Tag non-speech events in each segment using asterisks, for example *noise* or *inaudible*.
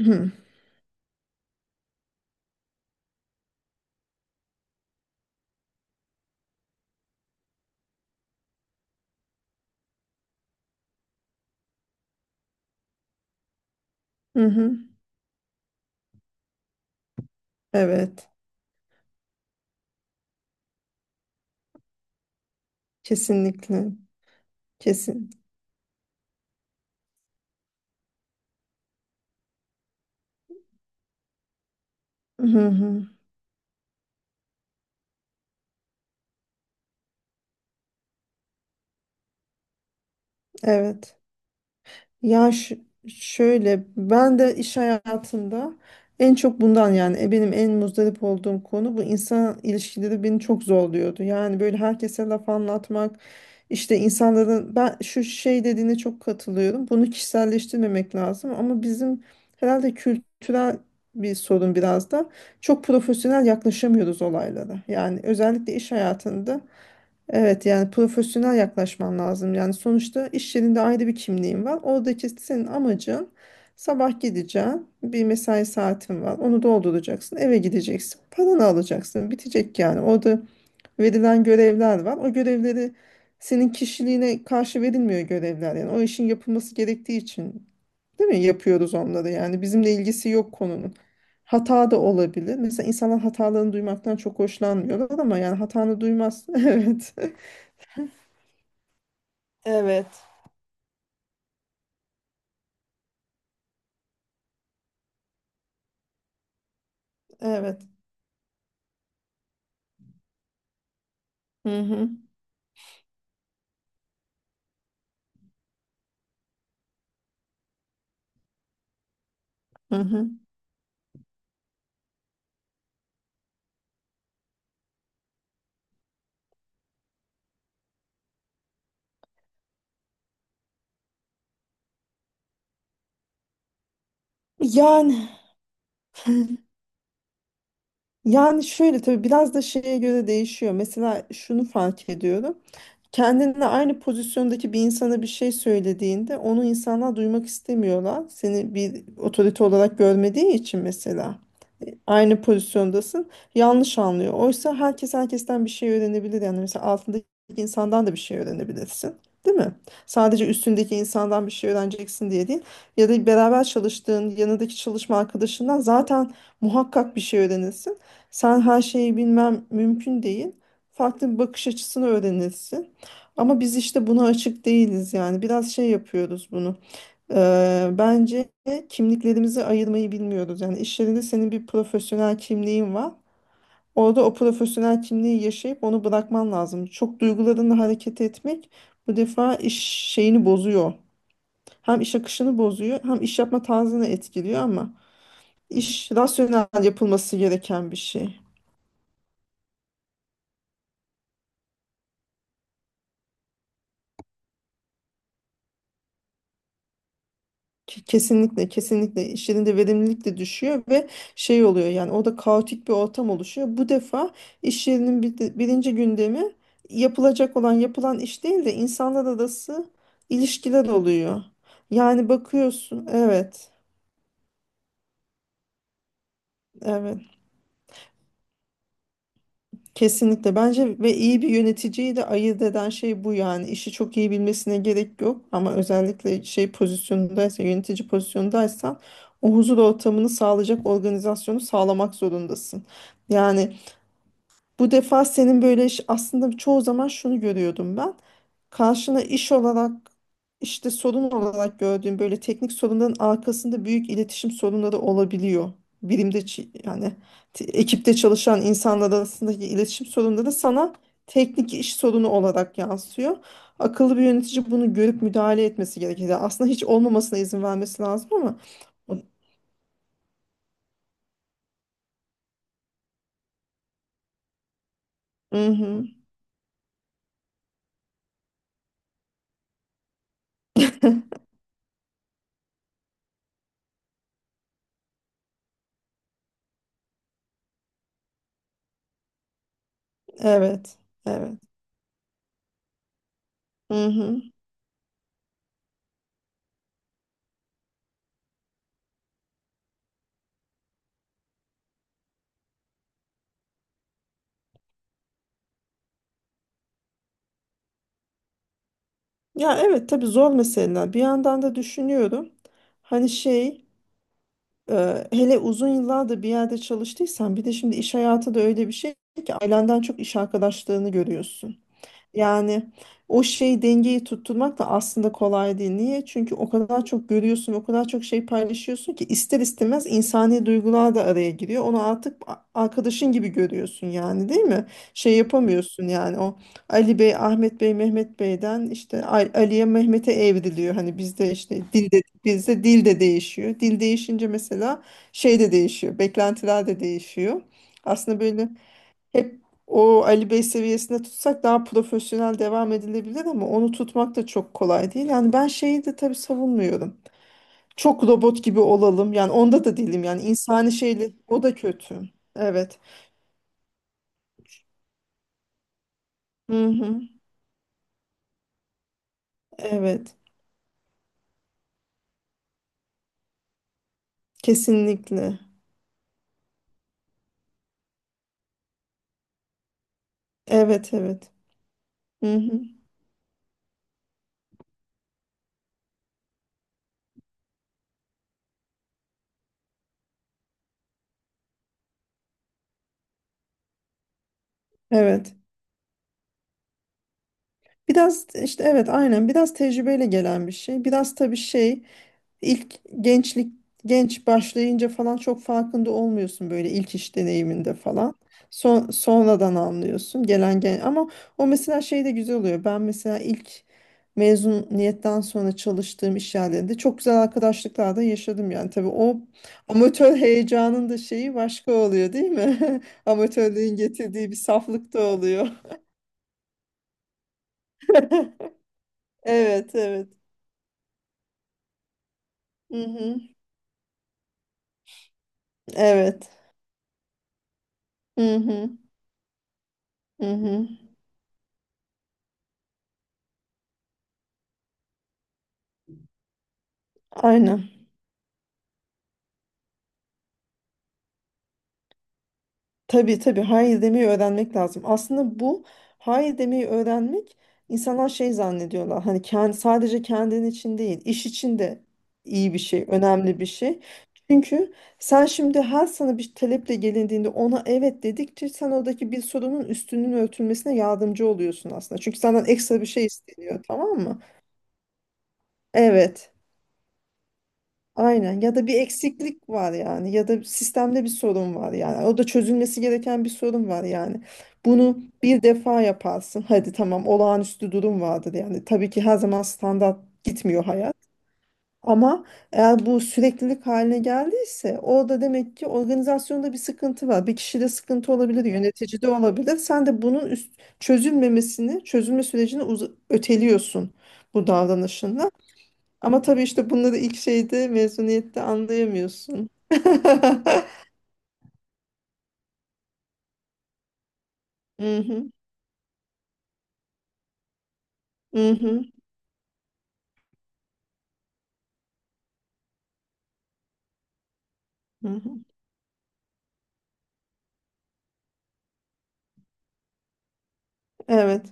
Hı hı. Hı. Evet. Kesinlikle. Kesin. Hı hı. Evet. Ya, şöyle ben de iş hayatında en çok bundan yani benim en muzdarip olduğum konu bu insan ilişkileri beni çok zorluyordu. Yani böyle herkese laf anlatmak işte insanların ben şu şey dediğine çok katılıyorum. Bunu kişiselleştirmemek lazım ama bizim herhalde kültürel bir sorun biraz da, çok profesyonel yaklaşamıyoruz olaylara. Yani özellikle iş hayatında. Evet, yani profesyonel yaklaşman lazım. Yani sonuçta iş yerinde ayrı bir kimliğin var. Oradaki senin amacın, sabah gideceksin. Bir mesai saatin var. Onu dolduracaksın. Eve gideceksin. Paranı alacaksın. Bitecek yani. Orada verilen görevler var. O görevleri senin kişiliğine karşı verilmiyor görevler. Yani o işin yapılması gerektiği için, değil mi? Yapıyoruz onları yani. Bizimle ilgisi yok konunun. Hata da olabilir. Mesela insanlar hatalarını duymaktan çok hoşlanmıyorlar ama yani hatanı duymaz. *laughs* Evet. Evet, evet. Hı hı, hı hı. Yani yani şöyle, tabii biraz da şeye göre değişiyor. Mesela şunu fark ediyorum. Kendinle aynı pozisyondaki bir insana bir şey söylediğinde onu insanlar duymak istemiyorlar. Seni bir otorite olarak görmediği için mesela. Aynı pozisyondasın, yanlış anlıyor. Oysa herkes herkesten bir şey öğrenebilir. Yani mesela altındaki insandan da bir şey öğrenebilirsin. Değil mi? Sadece üstündeki insandan bir şey öğreneceksin diye değil. Ya da beraber çalıştığın yanındaki çalışma arkadaşından zaten muhakkak bir şey öğrenirsin. Sen her şeyi bilmem mümkün değil, farklı bir bakış açısını öğrenirsin. Ama biz işte buna açık değiliz yani. Biraz şey yapıyoruz bunu. Bence kimliklerimizi ayırmayı bilmiyoruz. Yani iş yerinde senin bir profesyonel kimliğin var. Orada o profesyonel kimliği yaşayıp onu bırakman lazım. Çok duygularınla hareket etmek bu defa iş şeyini bozuyor. Hem iş akışını bozuyor, hem iş yapma tarzını etkiliyor ama iş rasyonel yapılması gereken bir şey. Kesinlikle, kesinlikle işlerinde verimlilik de düşüyor ve şey oluyor yani, orada kaotik bir ortam oluşuyor. Bu defa iş yerinin bir birinci gündemi yapılacak olan yapılan iş değil de insanlar arası ilişkiler oluyor. Yani bakıyorsun, evet, evet, kesinlikle, bence ve iyi bir yöneticiyi de ayırt eden şey bu yani. İşi çok iyi bilmesine gerek yok ama özellikle şey pozisyonundaysa, yönetici pozisyondaysan, o huzur ortamını sağlayacak organizasyonu sağlamak zorundasın. Yani bu defa senin böyle aslında çoğu zaman şunu görüyordum ben. Karşına iş olarak, işte sorun olarak gördüğüm böyle teknik sorunların arkasında büyük iletişim sorunları olabiliyor. Birimde ekipte çalışan insanlar arasındaki iletişim sorunları sana teknik iş sorunu olarak yansıyor. Akıllı bir yönetici bunu görüp müdahale etmesi gerekir. Yani aslında hiç olmamasına izin vermesi lazım ama. Hı hı. *laughs* Evet, evet. Hı hı. Ya evet, tabii zor meseleler. Bir yandan da düşünüyorum. Hani şey, hele uzun yıllardır bir yerde çalıştıysan, bir de şimdi iş hayatı da öyle bir şey ki, ailenden çok iş arkadaşlarını görüyorsun. Yani o şey dengeyi tutturmak da aslında kolay değil. Niye? Çünkü o kadar çok görüyorsun, o kadar çok şey paylaşıyorsun ki ister istemez insani duygular da araya giriyor. Onu artık arkadaşın gibi görüyorsun yani, değil mi? Şey yapamıyorsun yani, o Ali Bey, Ahmet Bey, Mehmet Bey'den işte Ali'ye, Mehmet'e evriliyor. Hani bizde dil de değişiyor. Dil değişince mesela şey de değişiyor, beklentiler de değişiyor. Aslında böyle hep o Ali Bey seviyesinde tutsak daha profesyonel devam edilebilir ama onu tutmak da çok kolay değil. Yani ben şeyi de tabii savunmuyorum. Çok robot gibi olalım. Yani onda da değilim. Yani insani şeyle o da kötü. Evet. Hı hı. Evet. Kesinlikle. Evet, evet. Hı hı. Evet. Biraz işte evet, aynen, biraz tecrübeyle gelen bir şey. Biraz tabii şey. İlk gençlik genç başlayınca falan çok farkında olmuyorsun böyle, ilk iş deneyiminde falan. Sonradan anlıyorsun gelen gelen, ama o mesela şey de güzel oluyor. Ben mesela ilk mezuniyetten sonra çalıştığım iş yerlerinde çok güzel arkadaşlıklar da yaşadım yani. Tabii o amatör heyecanın da şeyi başka oluyor, değil mi? *laughs* Amatörlüğün getirdiği bir saflık da oluyor. *laughs* Evet, evet. Hı hı. Evet. Hı hı. Hı hı. Aynen. Tabii, tabii hayır demeyi öğrenmek lazım. Aslında bu hayır demeyi öğrenmek, insanlar şey zannediyorlar. Hani kendi, sadece kendin için değil, iş için de iyi bir şey, önemli bir şey. Çünkü sen şimdi her sana bir taleple gelindiğinde ona evet dedikçe, sen oradaki bir sorunun üstünün örtülmesine yardımcı oluyorsun aslında. Çünkü senden ekstra bir şey isteniyor, tamam mı? Evet. Aynen, ya da bir eksiklik var yani, ya da sistemde bir sorun var yani, o da çözülmesi gereken bir sorun var yani. Bunu bir defa yaparsın, hadi tamam, olağanüstü durum vardır yani, tabii ki her zaman standart gitmiyor hayat, ama eğer bu süreklilik haline geldiyse, orada demek ki organizasyonda bir sıkıntı var, bir kişide sıkıntı olabilir, yöneticide olabilir, sen de bunun çözülmemesini, çözülme sürecini öteliyorsun bu davranışınla. Ama tabii işte bunları ilk şeyde, mezuniyette anlayamıyorsun. *laughs* Mhm, mhm, mhm. Evet.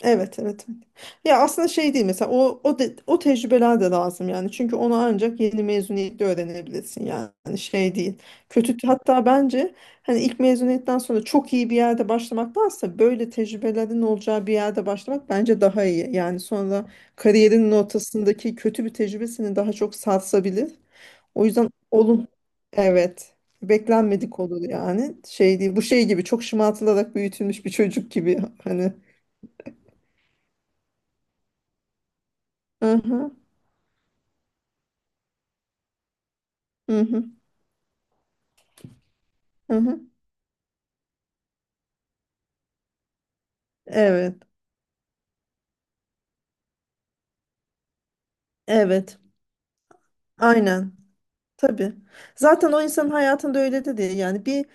Evet, evet, evet. Ya aslında şey değil, mesela o tecrübeler de lazım yani. Çünkü onu ancak yeni mezuniyetle öğrenebilirsin yani. Hani şey değil. Kötü, hatta bence hani ilk mezuniyetten sonra çok iyi bir yerde başlamaktansa, böyle tecrübelerin olacağı bir yerde başlamak bence daha iyi. Yani sonra kariyerinin ortasındaki kötü bir tecrübe seni daha çok sarsabilir. O yüzden olun, evet. Beklenmedik olur yani. Şey değil. Bu şey gibi, çok şımartılarak büyütülmüş bir çocuk gibi hani. Aha. Hı hı, hı hı. Evet, evet, aynen, tabii. Zaten o insanın hayatında öyle de değil. Yani bir,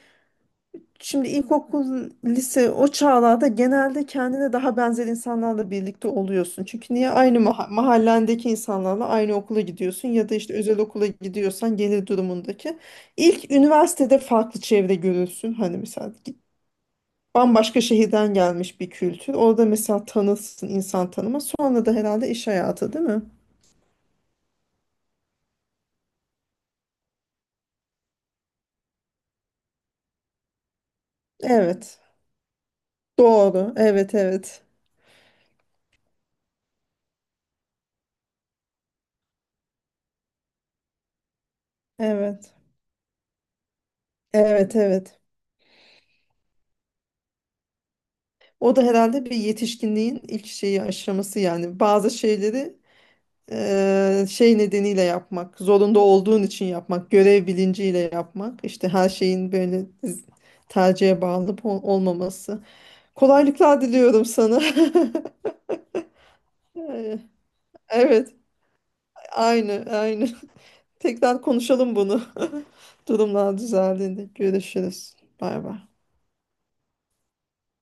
şimdi ilkokul, lise, o çağlarda genelde kendine daha benzer insanlarla birlikte oluyorsun. Çünkü niye, aynı mahallendeki insanlarla aynı okula gidiyorsun, ya da işte özel okula gidiyorsan gelir durumundaki. İlk üniversitede farklı çevre görürsün. Hani mesela bambaşka şehirden gelmiş bir kültür. Orada mesela tanırsın, insan tanıma. Sonra da herhalde iş hayatı, değil mi? Evet. Doğru. Evet, evet. Evet. Evet, evet. O da herhalde bir yetişkinliğin ilk şeyi, aşaması yani. Bazı şeyleri şey nedeniyle yapmak, zorunda olduğun için yapmak, görev bilinciyle yapmak, işte her şeyin böyle tercihe bağlı olmaması. Kolaylıklar diliyorum sana. *laughs* Eee, Evet, aynı, aynı. *laughs* Tekrar konuşalım bunu. *laughs* Durumlar düzeldiğinde görüşürüz. Bay bay.